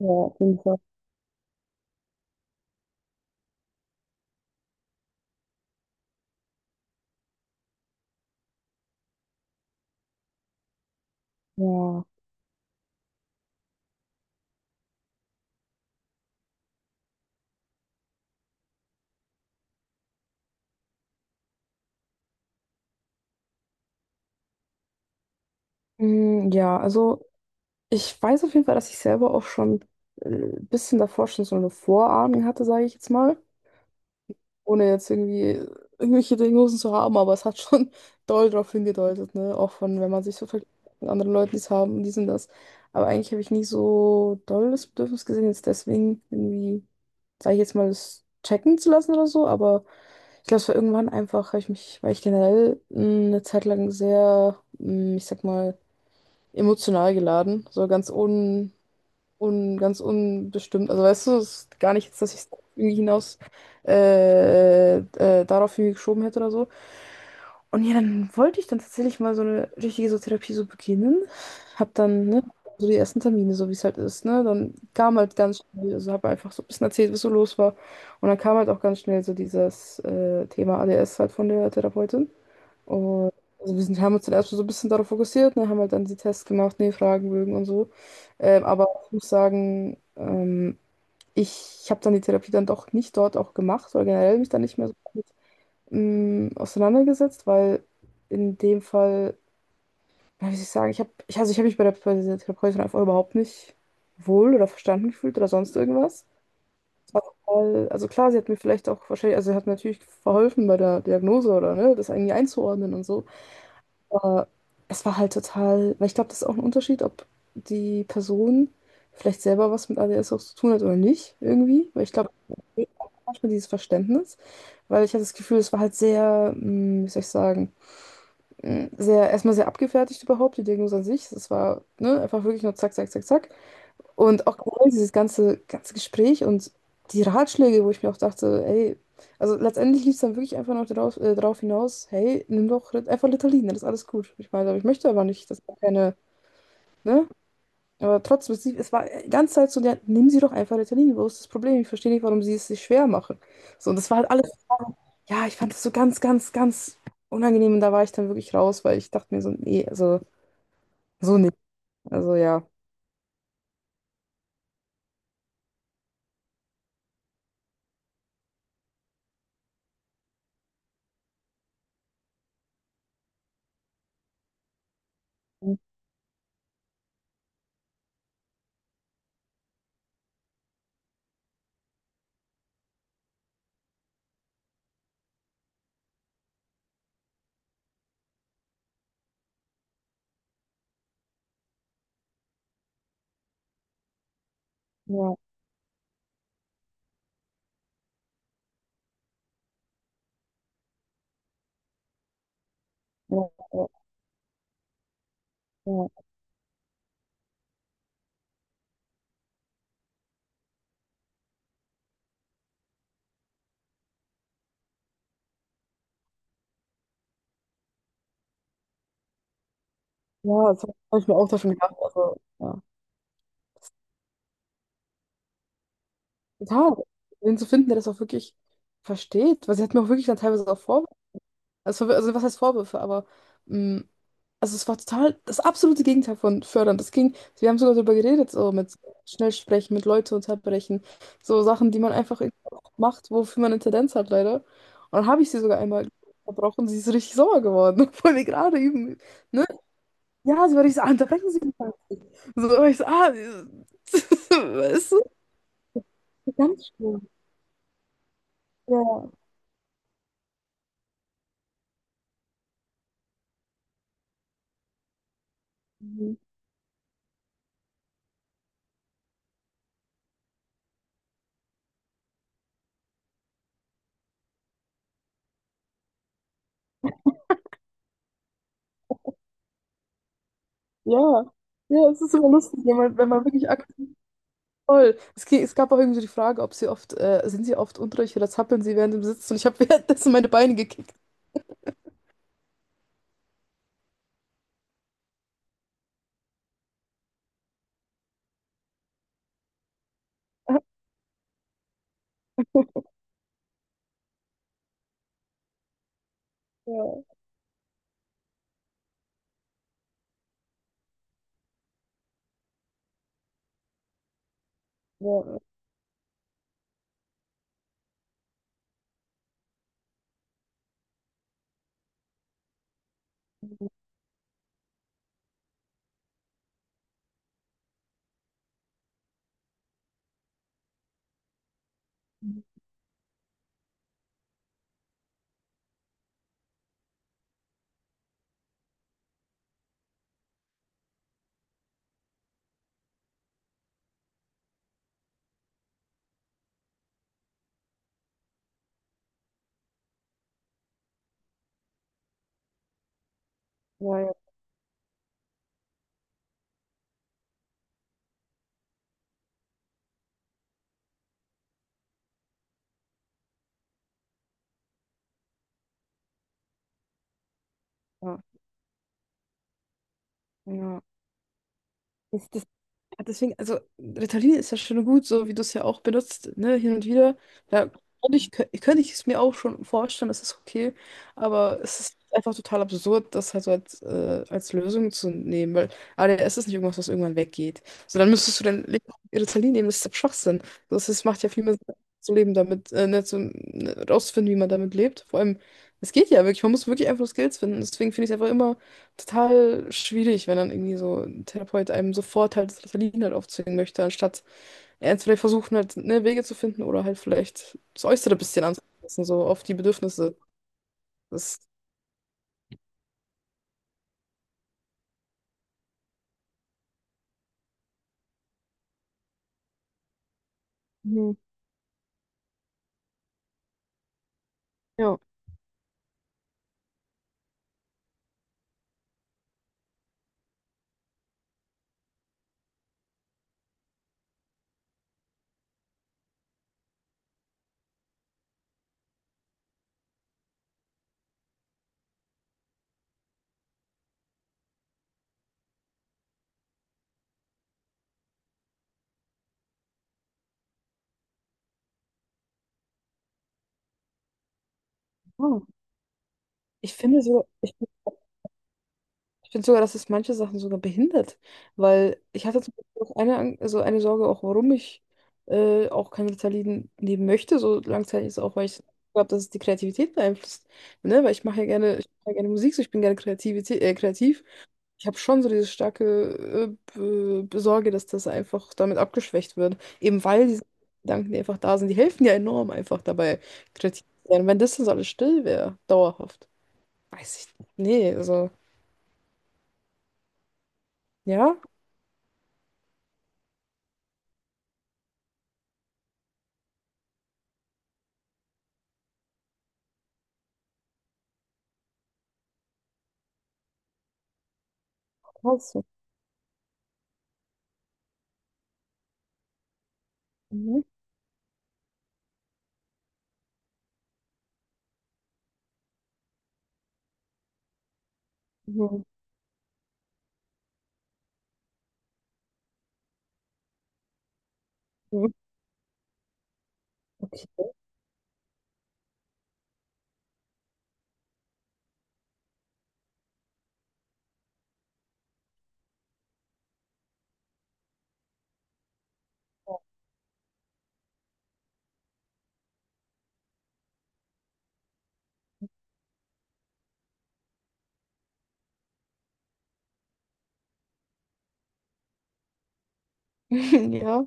Ja, auf Ja. Mm, Ja, also ich weiß auf jeden Fall, dass ich selber auch schon ein bisschen davor schon so eine Vorahnung hatte, sage ich jetzt mal. Ohne jetzt irgendwie irgendwelche Diagnosen zu haben, aber es hat schon doll darauf hingedeutet, ne? Auch von, wenn man sich so vergleicht mit anderen Leuten, die es haben, die sind das. Aber eigentlich habe ich nie so doll das Bedürfnis gesehen, jetzt deswegen irgendwie, sage ich jetzt mal, das checken zu lassen oder so. Aber ich glaube, es war irgendwann einfach, hab ich mich, weil ich generell eine Zeit lang sehr, ich sag mal, emotional geladen, so ganz ganz unbestimmt. Also weißt du, es ist gar nicht jetzt, dass ich es irgendwie hinaus darauf irgendwie geschoben hätte oder so. Und ja, dann wollte ich dann tatsächlich mal so eine richtige so Therapie so beginnen. Hab dann, ne, so die ersten Termine, so wie es halt ist, ne? Dann kam halt ganz schnell, also habe einfach so ein bisschen erzählt, was so los war. Und dann kam halt auch ganz schnell so dieses Thema ADS halt von der Therapeutin. Und also wir sind, haben uns dann erstmal so ein bisschen darauf fokussiert, ne, haben halt dann die Tests gemacht, ne, Fragenbögen und so. Aber ich muss sagen, ich habe dann die Therapie dann doch nicht dort auch gemacht oder generell mich dann nicht mehr so auseinandergesetzt, weil in dem Fall, ja, wie soll ich sagen, also ich habe mich bei dieser Therapeutin einfach überhaupt nicht wohl oder verstanden gefühlt oder sonst irgendwas. Es war total- Also klar, sie hat mir vielleicht auch wahrscheinlich, also sie hat natürlich verholfen bei der Diagnose oder ne, das irgendwie einzuordnen und so. Aber es war halt total, weil ich glaube, das ist auch ein Unterschied, ob die Person vielleicht selber was mit ADS auch zu tun hat oder nicht, irgendwie. Weil ich glaube, manchmal dieses Verständnis, weil ich hatte das Gefühl, es war halt sehr, wie soll ich sagen, sehr, erstmal sehr abgefertigt überhaupt, die Diagnose an sich. Es war, ne, einfach wirklich nur zack, zack, zack, zack. Und auch generell dieses ganze Gespräch und die Ratschläge, wo ich mir auch dachte, ey, also letztendlich lief es dann wirklich einfach noch darauf, darauf hinaus, hey, nimm doch einfach Ritalin, dann ist alles gut. Ich meine, aber ich möchte aber nicht, dass da keine, ne? Aber trotzdem, es war die ganze Zeit so, ja, nehmen Sie doch einfach Ritalin, wo ist das Problem? Ich verstehe nicht, warum Sie es sich schwer machen. So, und das war halt alles, so, ja, ich fand das so ganz unangenehm und da war ich dann wirklich raus, weil ich dachte mir so, nee, also so nicht. Also ja. Ja, ja, ja, ja. Ja, das habe ich mir auch davon gedacht. Also, ja. Total. Wen zu finden, der das auch wirklich versteht. Weil sie hat mir auch wirklich dann teilweise auch Vorwürfe. Also was heißt Vorwürfe, aber mh, also es war total das absolute Gegenteil von fördern. Das ging, wir haben sogar darüber geredet, so mit schnell sprechen, mit Leute unterbrechen, so Sachen, die man einfach irgendwie auch macht, wofür man eine Tendenz hat, leider. Und dann habe ich sie sogar einmal verbrochen, sie ist richtig sauer geworden, obwohl wir gerade üben. Ne? Ja, sie war richtig so, ah, unterbrechen Sie mich mal nicht. So, aber ich so, ah, weißt du? Ganz schön. Ja, mhm, ja, ja, es ist immer lustig, wenn man wirklich ak- Voll. Es, ge- es gab auch irgendwie so die Frage, ob sie oft, sind sie oft unruhig oder zappeln sie während dem Sitzen und ich habe währenddessen meine Beine gekickt. Ja, ja, ja, ja, ja. Ja. Ist das. Ja, deswegen, also Ritalin ist ja schon gut, so wie du es ja auch benutzt, ne, hin und wieder. Da könnte ich es mir auch schon vorstellen, das ist okay. Aber es ist einfach total absurd, das halt so als, als Lösung zu nehmen, weil ADS ist nicht irgendwas, was irgendwann weggeht. So, dann müsstest du dann Le- Ritalin nehmen, das ist doch Schwachsinn. Das ist, macht ja viel mehr Sinn, zu leben damit, ne, rauszufinden, wie man damit lebt. Vor allem, es geht ja wirklich, man muss wirklich einfach das Geld finden. Deswegen finde ich es einfach immer total schwierig, wenn dann irgendwie so ein Therapeut einem sofort halt das Ritalin halt aufzwingen möchte, anstatt ernst vielleicht versuchen halt ne, Wege zu finden oder halt vielleicht das Äußere ein bisschen anzupassen, so auf die Bedürfnisse. Das, mhm. Ja. Oh. Ich finde so, ich finde sogar, dass es manche Sachen sogar behindert, weil ich hatte zum Beispiel auch eine, Ang- also eine Sorge, auch warum ich auch kein Ritalin nehmen möchte, so langzeitig ist auch, weil ich glaube, dass es die Kreativität beeinflusst, ne? Weil ich mache ja gerne Musik, so ich bin gerne Kreativität, kreativ. Ich habe schon so diese starke Besorge, dass das einfach damit abgeschwächt wird. Eben weil diese Gedanken, die einfach da sind, die helfen ja enorm einfach dabei, kreativ zu sein. Wenn das dann so alles still wäre, dauerhaft, weiß ich nicht. Nee, also, ja. Also, mhm. Mhm. Mhm. Okay. Ja.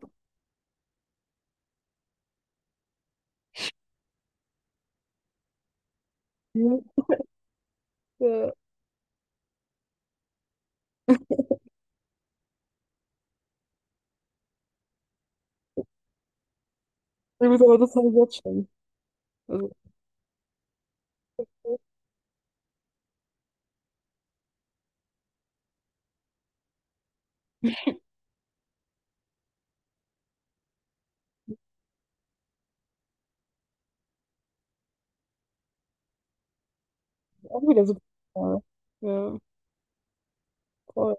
Mhm. Ja. Ja. Ich muss aber das halt jetzt schon. Also, auch wieder so. Ja, ja, voll.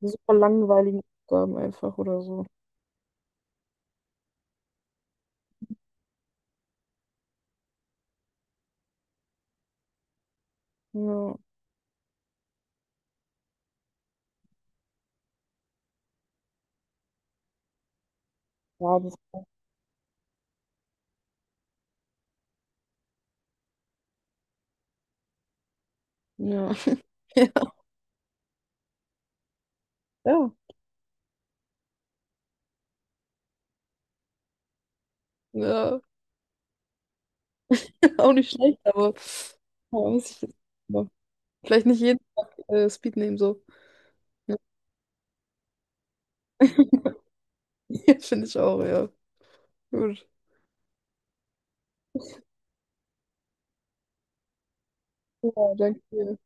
Super langweiligen Aufgaben einfach oder so. Ja. Ja, das, ja. Ja, ja, auch nicht schlecht, aber ja, muss ich jetzt mal. Vielleicht nicht jeden Tag Speed nehmen, so. Ja, finde ich auch, ja. Gut. Ja, danke dir.